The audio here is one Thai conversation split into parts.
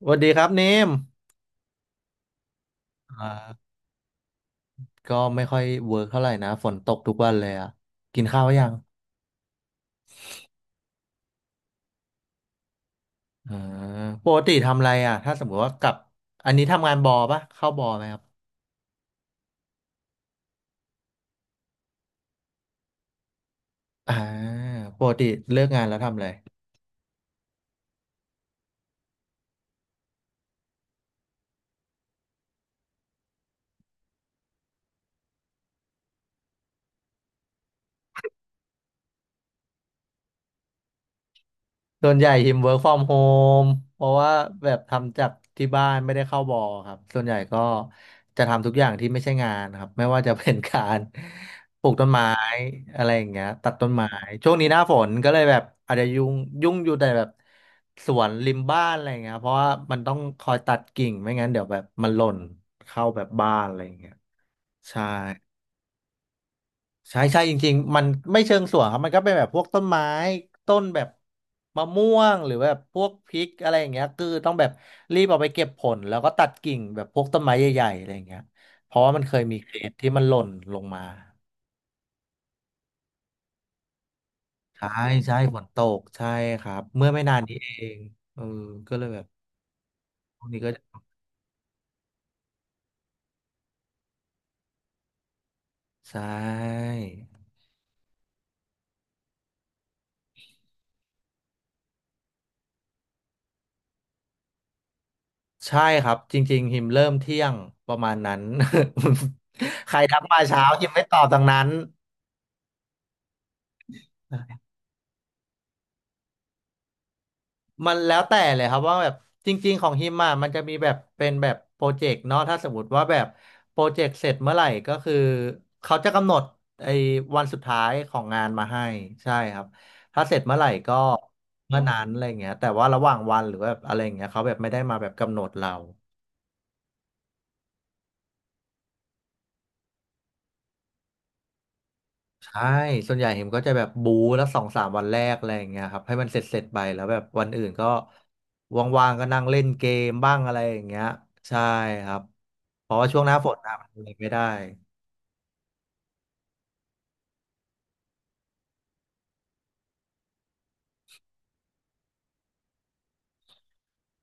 สวัสดีครับเนมอ่าก็ไม่ค่อยเวิร์กเท่าไหร่นะฝนตกทุกวันเลยอ่ะกินข้าวยังอ่าปกติทำอะไรอ่ะถ้าสมมติว่ากลับอันนี้ทำงานบอปะเข้าบอไหมครับอ่าปกติเลิกงานแล้วทำอะไร ส่วนใหญ่หิม work from home เพราะว่าแบบทำจากที่บ้านไม่ได้เข้าบอครับส่วนใหญ่ก็จะทำทุกอย่างที่ไม่ใช่งานครับไม่ว่าจะเป็นการปลูกต้นไม้อะไรอย่างเงี้ยตัดต้นไม้ช่วงนี้หน้าฝนก็เลยแบบอาจจะยุ่งยุ่งอยู่แต่แบบสวนริมบ้านอะไรอย่างเงี้ยเพราะว่ามันต้องคอยตัดกิ่งไม่งั้นเดี๋ยวแบบมันหล่นเข้าแบบบ้านอะไรอย่างเงี้ยใช่ ใช่จริงๆมันไม่เชิงสวนครับมันก็เป็นแบบพวกต้นไม้ต้นแบบมะม่วงหรือแบบพวกพริกอะไรอย่างเงี้ยคือต้องแบบรีบเอาไปเก็บผลแล้วก็ตัดกิ่งแบบพวกต้นไม้ใหญ่ๆอะไรอย่างเงี้ยเพราะว่ามันเคยมีเคสที่มันหล่นลงมาใช่ใช่ฝนตกใช่ครับเมื่อไม่นานนี้เองเออก็เลยแบบพวกนี้ก็ใช่ใช่ครับจริงๆหิมเริ่มเที่ยงประมาณนั้น ใครทักมาเช้าหิมไม่ตอบดังนั้น มันแล้วแต่เลยครับว่าแบบจริงๆของฮิมอ่ะมันจะมีแบบเป็นแบบโปรเจกต์เนาะถ้าสมมติว่าแบบโปรเจกต์เสร็จเมื่อไหร่ก็คือเขาจะกำหนดไอ้วันสุดท้ายของงานมาให้ใช่ครับถ้าเสร็จเมื่อไหร่ก็เมื่อนั้นอะไรเงี้ยแต่ว่าระหว่างวันหรือว่าแบบอะไรเงี้ยเขาแบบไม่ได้มาแบบกำหนดเรา ใช่ส่วนใหญ่เห็มก็จะแบบบูแล้วสองสามวันแรกอะไรอย่างเงี้ยครับให้มันเสร็จไปแล้วแบบวันอื่นก็ว่างๆก็นั่งเล่นเกมบ้างอะไรอย่างเงี้ยใช่ครับเพราะว่าช่วงหน้าฝนอะมันทำอะไรไม่ได้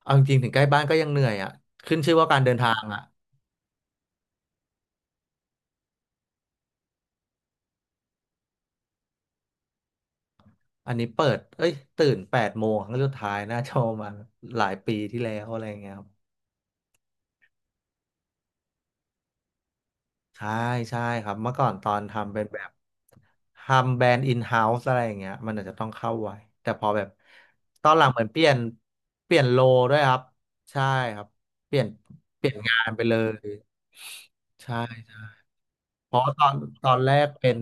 เอาจริงๆถึงใกล้บ้านก็ยังเหนื่อยอ่ะขึ้นชื่อว่าการเดินทางอ่ะอันนี้เปิดเอ้ยตื่น8 โมงครั้งสุดท้ายน่าจะประมาณหลายปีที่แล้วอะไรอย่างเงี้ยครับใช่ใช่ครับเมื่อก่อนตอนทำเป็นแบบ ทำแบรนด์อินเฮ้าส์อะไรอย่างเงี้ยมันอาจจะต้องเข้าไว้แต่พอแบบตอนหลังเหมือนเปลี่ยนโลด้วยครับใช่ครับเปลี่ยนงานไปเลยใช่ใช่เพราะตอนแรกเป็น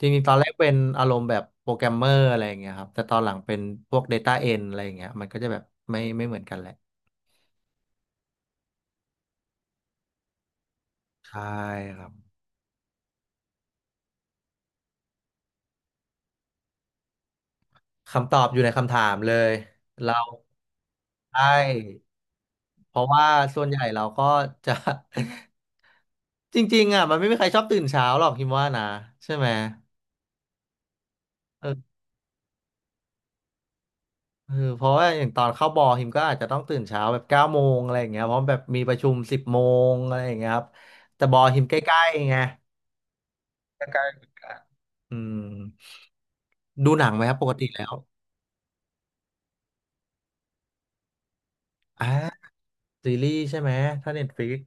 จริงๆตอนแรกเป็นอารมณ์แบบโปรแกรมเมอร์อะไรอย่างเงี้ยครับแต่ตอนหลังเป็นพวก Data End อะไรอย่างเงี้ยมันก็จะแบบไม่เหมือนกันแหละใช่ครับคำตอบอยู่ในคำถามเลยเราใช่เพราะว่าส่วนใหญ่เราก็จะ จริงๆอ่ะมันไม่มีใครชอบตื่นเช้าหรอกฮิมว่านะใช่ไหมเออเพราะว่าอย่างตอนเข้าบอฮิมก็อาจจะต้องตื่นเช้าแบบ9 โมงอะไรอย่างเงี้ยเพราะแบบมีประชุม10 โมงอะไรอย่างเงี้ยครับแต่บอฮิมใกล้ๆไงอืมดูหนังไหมครับปกติแล้วอ่าซีรีส์ใช่ไหมถ้าเน็ตฟลิก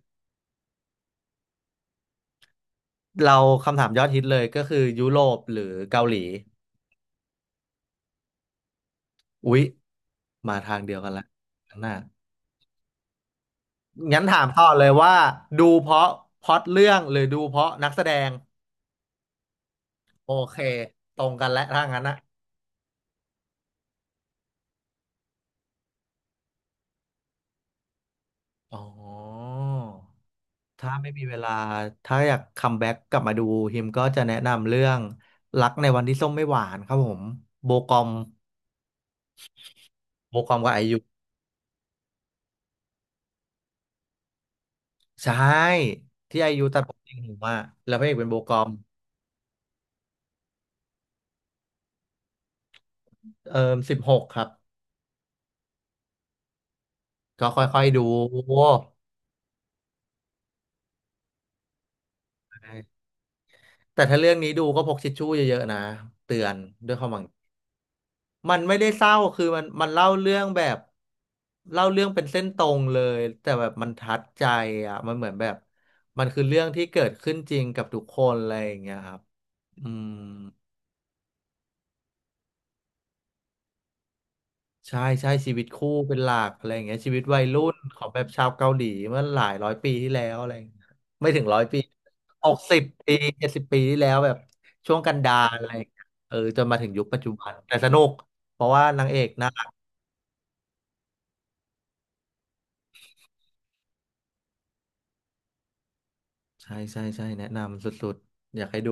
เราคำถามยอดฮิตเลยก็คือยุโรปหรือเกาหลีอุ๊ยมาทางเดียวกันละข้างหน้างั้นถามต่อเลยว่าดูเพราะพล็อตเรื่องหรือดูเพราะนักแสดง โอเคตรงกันและถ้างั้นอะอ๋อถ้าไม่มีเวลาถ้าอยากคัมแบ็กกลับมาดูฮิมก็จะแนะนำเรื่องรักในวันที่ส้มไม่หวานครับผมโบกอมโบกอมกับไอยุใช่ที่ไอยุตัดผมจริงหมอ่าแล้วพระเอกเป็นโบกอมเอ่อ16ครับก็ค่อยๆดูแต่ถ้าเรื่องนี้ดูก็พกทิชชู่เยอะๆนะเตือนด้วยความหวัง มันไม่ได้เศร้าคือมันเล่าเรื่องแบบเล่าเรื่องเป็นเส้นตรงเลยแต่แบบมันทัดใจอ่ะมันเหมือนแบบมันคือเรื่องที่เกิดขึ้นจริงกับทุกคนอะไรอย่างเงี้ยครับอืมใช่ใช่ชีวิตคู่เป็นหลักอะไรอย่างเงี้ยชีวิตวัยรุ่นของแบบชาวเกาหลีเมื่อหลายร้อยปีที่แล้วอะไรอย่างเงี้ยไม่ถึงร้อยปี60 ปี70 ปีที่แล้วแบบช่วงกันดารอะไรอย่างเงี้ยเออจนมาถึงยุคปัจจุบันแต่สนุกเพราะว่านางเอกน่า ใช่ใช่ใช่แนะนำสุดๆอยากให้ดู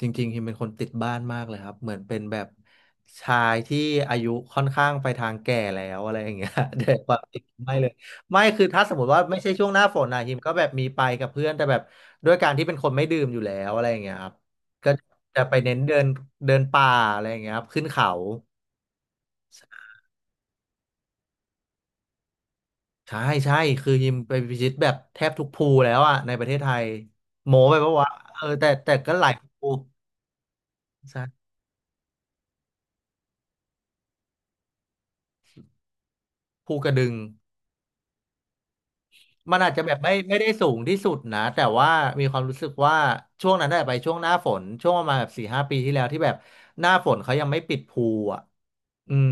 จริงๆฮิมเป็นคนติดบ้านมากเลยครับเหมือนเป็นแบบชายที่อายุค่อนข้างไปทางแก่แล้วอะไรอย่างเงี้ย แต่ความจริงไม่เลยไม่คือถ้าสมมติว่าไม่ใช่ช่วงหน้าฝนนะฮิมก็แบบมีไปกับเพื่อนแต่แบบด้วยการที่เป็นคนไม่ดื่มอยู่แล้วอะไรอย่างเงี้ยครับก็จะไปเน้นเดินเดินป่าอะไรอย่างเงี้ยครับขึ้นเขาใช่ใช่คือยิมไปพิชิตแบบแทบทุกภูแล้วอ่ะในประเทศไทยโหมไปปะวะเออแต่ก็หลายภูใช่ ภูกระดึงมันอาจจะแบบไม่ได้สูงที่สุดนะแต่ว่ามีความรู้สึกว่าช่วงนั้นได้ไปช่วงหน้าฝนช่วงประมาณแบบสี่ห้าปีที่แล้วที่แบบหน้าฝนเขายังไม่ปิดภูอ่ะอืม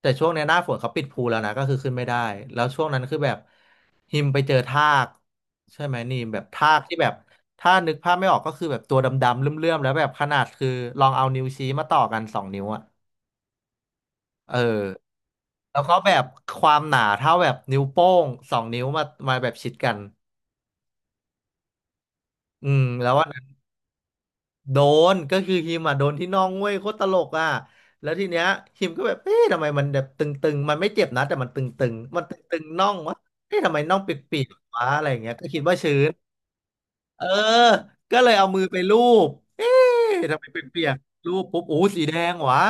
แต่ช่วงเนี้ยหน้าฝนเขาปิดภูแล้วนะก็คือขึ้นไม่ได้แล้วช่วงนั้นคือแบบหิมไปเจอทากใช่ไหมนี่มแบบทากที่แบบถ้านึกภาพไม่ออกก็คือแบบตัวดำๆเลื่อมๆแล้วแบบขนาดคือลองเอานิ้วชี้มาต่อกันสองนิ้วอะ เออแล้วก็แบบความหนาเท่าแบบนิ้วโป้งสองนิ้วมาแบบชิดกันอืมแล้วว่าโดนก็คือฮิมอ่ะโดนที่น่องเว้ยโคตรตลกอ่ะแล้วทีเนี้ยฮิมก็แบบเอ๊ะทำไมมันแบบตึงๆมันไม่เจ็บนะแต่มันตึงๆมันตึงๆน่องวะเอ๊ะทำไมน่องเปียกๆวะอะไรอย่างเงี้ยก็คิดว่าชื้นเออก็เลยเอามือไปลูบเอ๊ะทำไมเปียกๆลูบปุ๊บโอ้สีแดงวะ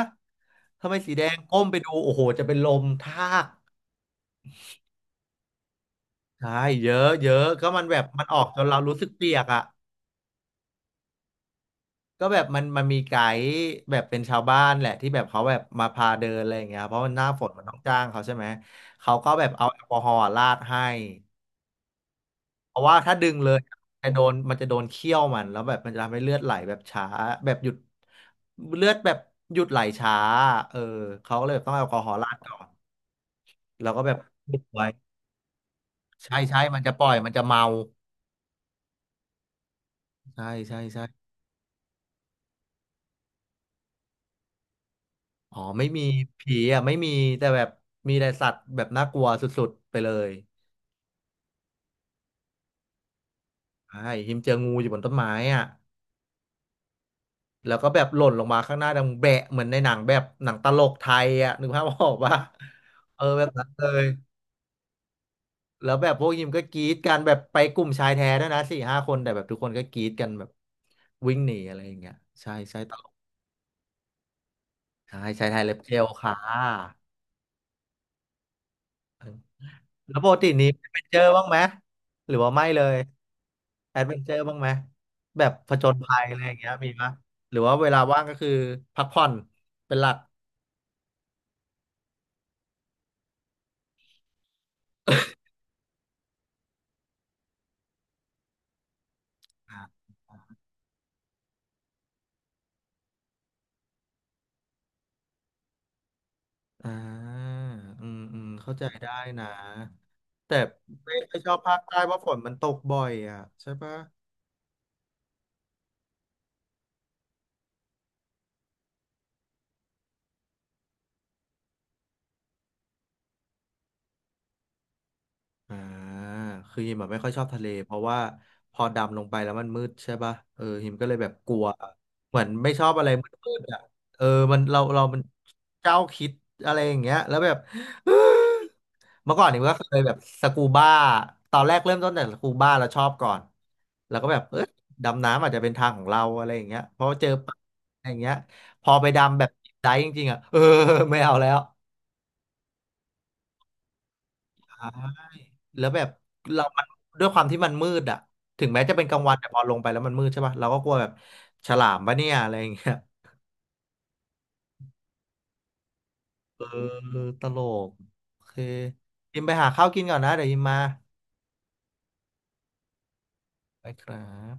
ทำไมสีแดงก้มไปดูโอ้โหจะเป็นลมทาก ใช่เยอะเยอะก็มันแบบมันออกจนเรารู้สึกเปียกอ่ะก็แบบมันมีไกด์แบบเป็นชาวบ้านแหละที่แบบเขาแบบมาพาเดินอะไรอย่างเงี้ยเพราะมันหน้าฝนมันต้องจ้างเขาใช่ไหมเขาก็แบบเอาแอลกอฮอล์ราดให้เพราะว่าถ้าดึงเลยจะโดนมันจะโดนเขี้ยวมันแล้วแบบมันจะทำให้เลือดไหลแบบช้าแบบหยุดเลือดแบบหยุดไหลช้าเออเขาก็เลยแบบต้องเอาแอลกอฮอล์ราดก่อนแล้วก็แบบ ปิดไว้ใช่ใช่มันจะปล่อยมันจะเมาใช่ใช่ใช่ อ๋อไม่มีผีอ่ะไม่มีแต่แบบมีแต่สัตว์แบบน่ากลัวสุดๆไปเลยใช่หิมเจองูอยู่บนต้นไม้อ่ะแล้วก็แบบหล่นลงมาข้างหน้าดังแบะเหมือนในหนังแบบหนังตลกไทยอ่ะนึกภาพออกปะเออแบบนั้นเลยแล้วแบบพวกยิมก็กรี๊ดกันแบบไปกลุ่มชายแท้ด้วยนะสี่ห้าคนแต่แบบทุกคนก็กรี๊ดกันแบบวิ่งหนีอะไรอย่างเงี้ยใช่ใช่ตลกใช่ชายไทยเล็บเจลค่ะ แล้วปกตินี้แอดเวนเจอร์บ้างไหมหรือว่าไม่เลยแอดเวนเจอร์บ้างไหมแบบผจญภัยอะไรอย่างเงี้ยมีปะหรือว่าเวลาว่างก็คือพักผ่อนเป็นหลักอ่ะอ่าอืมเข้าใจได้นะแต่ไม่ค่อยชอบภาคใต้เพราะฝนมันตกบ่อยอ่ะใช่ปะ อ่าคือฮิมแบบไม่ค่อยชอบทะเลเพราะว่าพอดำลงไปแล้วมันมืดใช่ป่ะเออฮิมก็เลยแบบกลัวเหมือนไม่ชอบอะไรมืดๆอ่ะเออมันเรามันเจ้าคิดอะไรอย่างเงี้ยแล้วแบบ เมื่อก่อนหิมก็เคยแบบสกูบ้าตอนแรกเริ่มต้นแต่สกูบ้าเราชอบก่อนแล้วก็แบบเออดำน้ำอาจจะเป็นทางของเราอะไรอย่างเงี้ยเพราะว่าเจอปลาอะไรอย่างเงี้ยพอไปดำแบบดิฟไดฟ์จริงๆอ่ะเออไม่เอาแล้ว แล้วแบบเรามันด้วยความที่มันมืดอะถึงแม้จะเป็นกลางวันแต่พอลงไปแล้วมันมืดใช่ป่ะเราก็กลัวแบบฉลามปะเนี่ยอะไรอย่างเงี้ยเออตลกโอเคยิมไปหาข้าวกินก่อนนะ เดี๋ยวยิมมา ไปครับ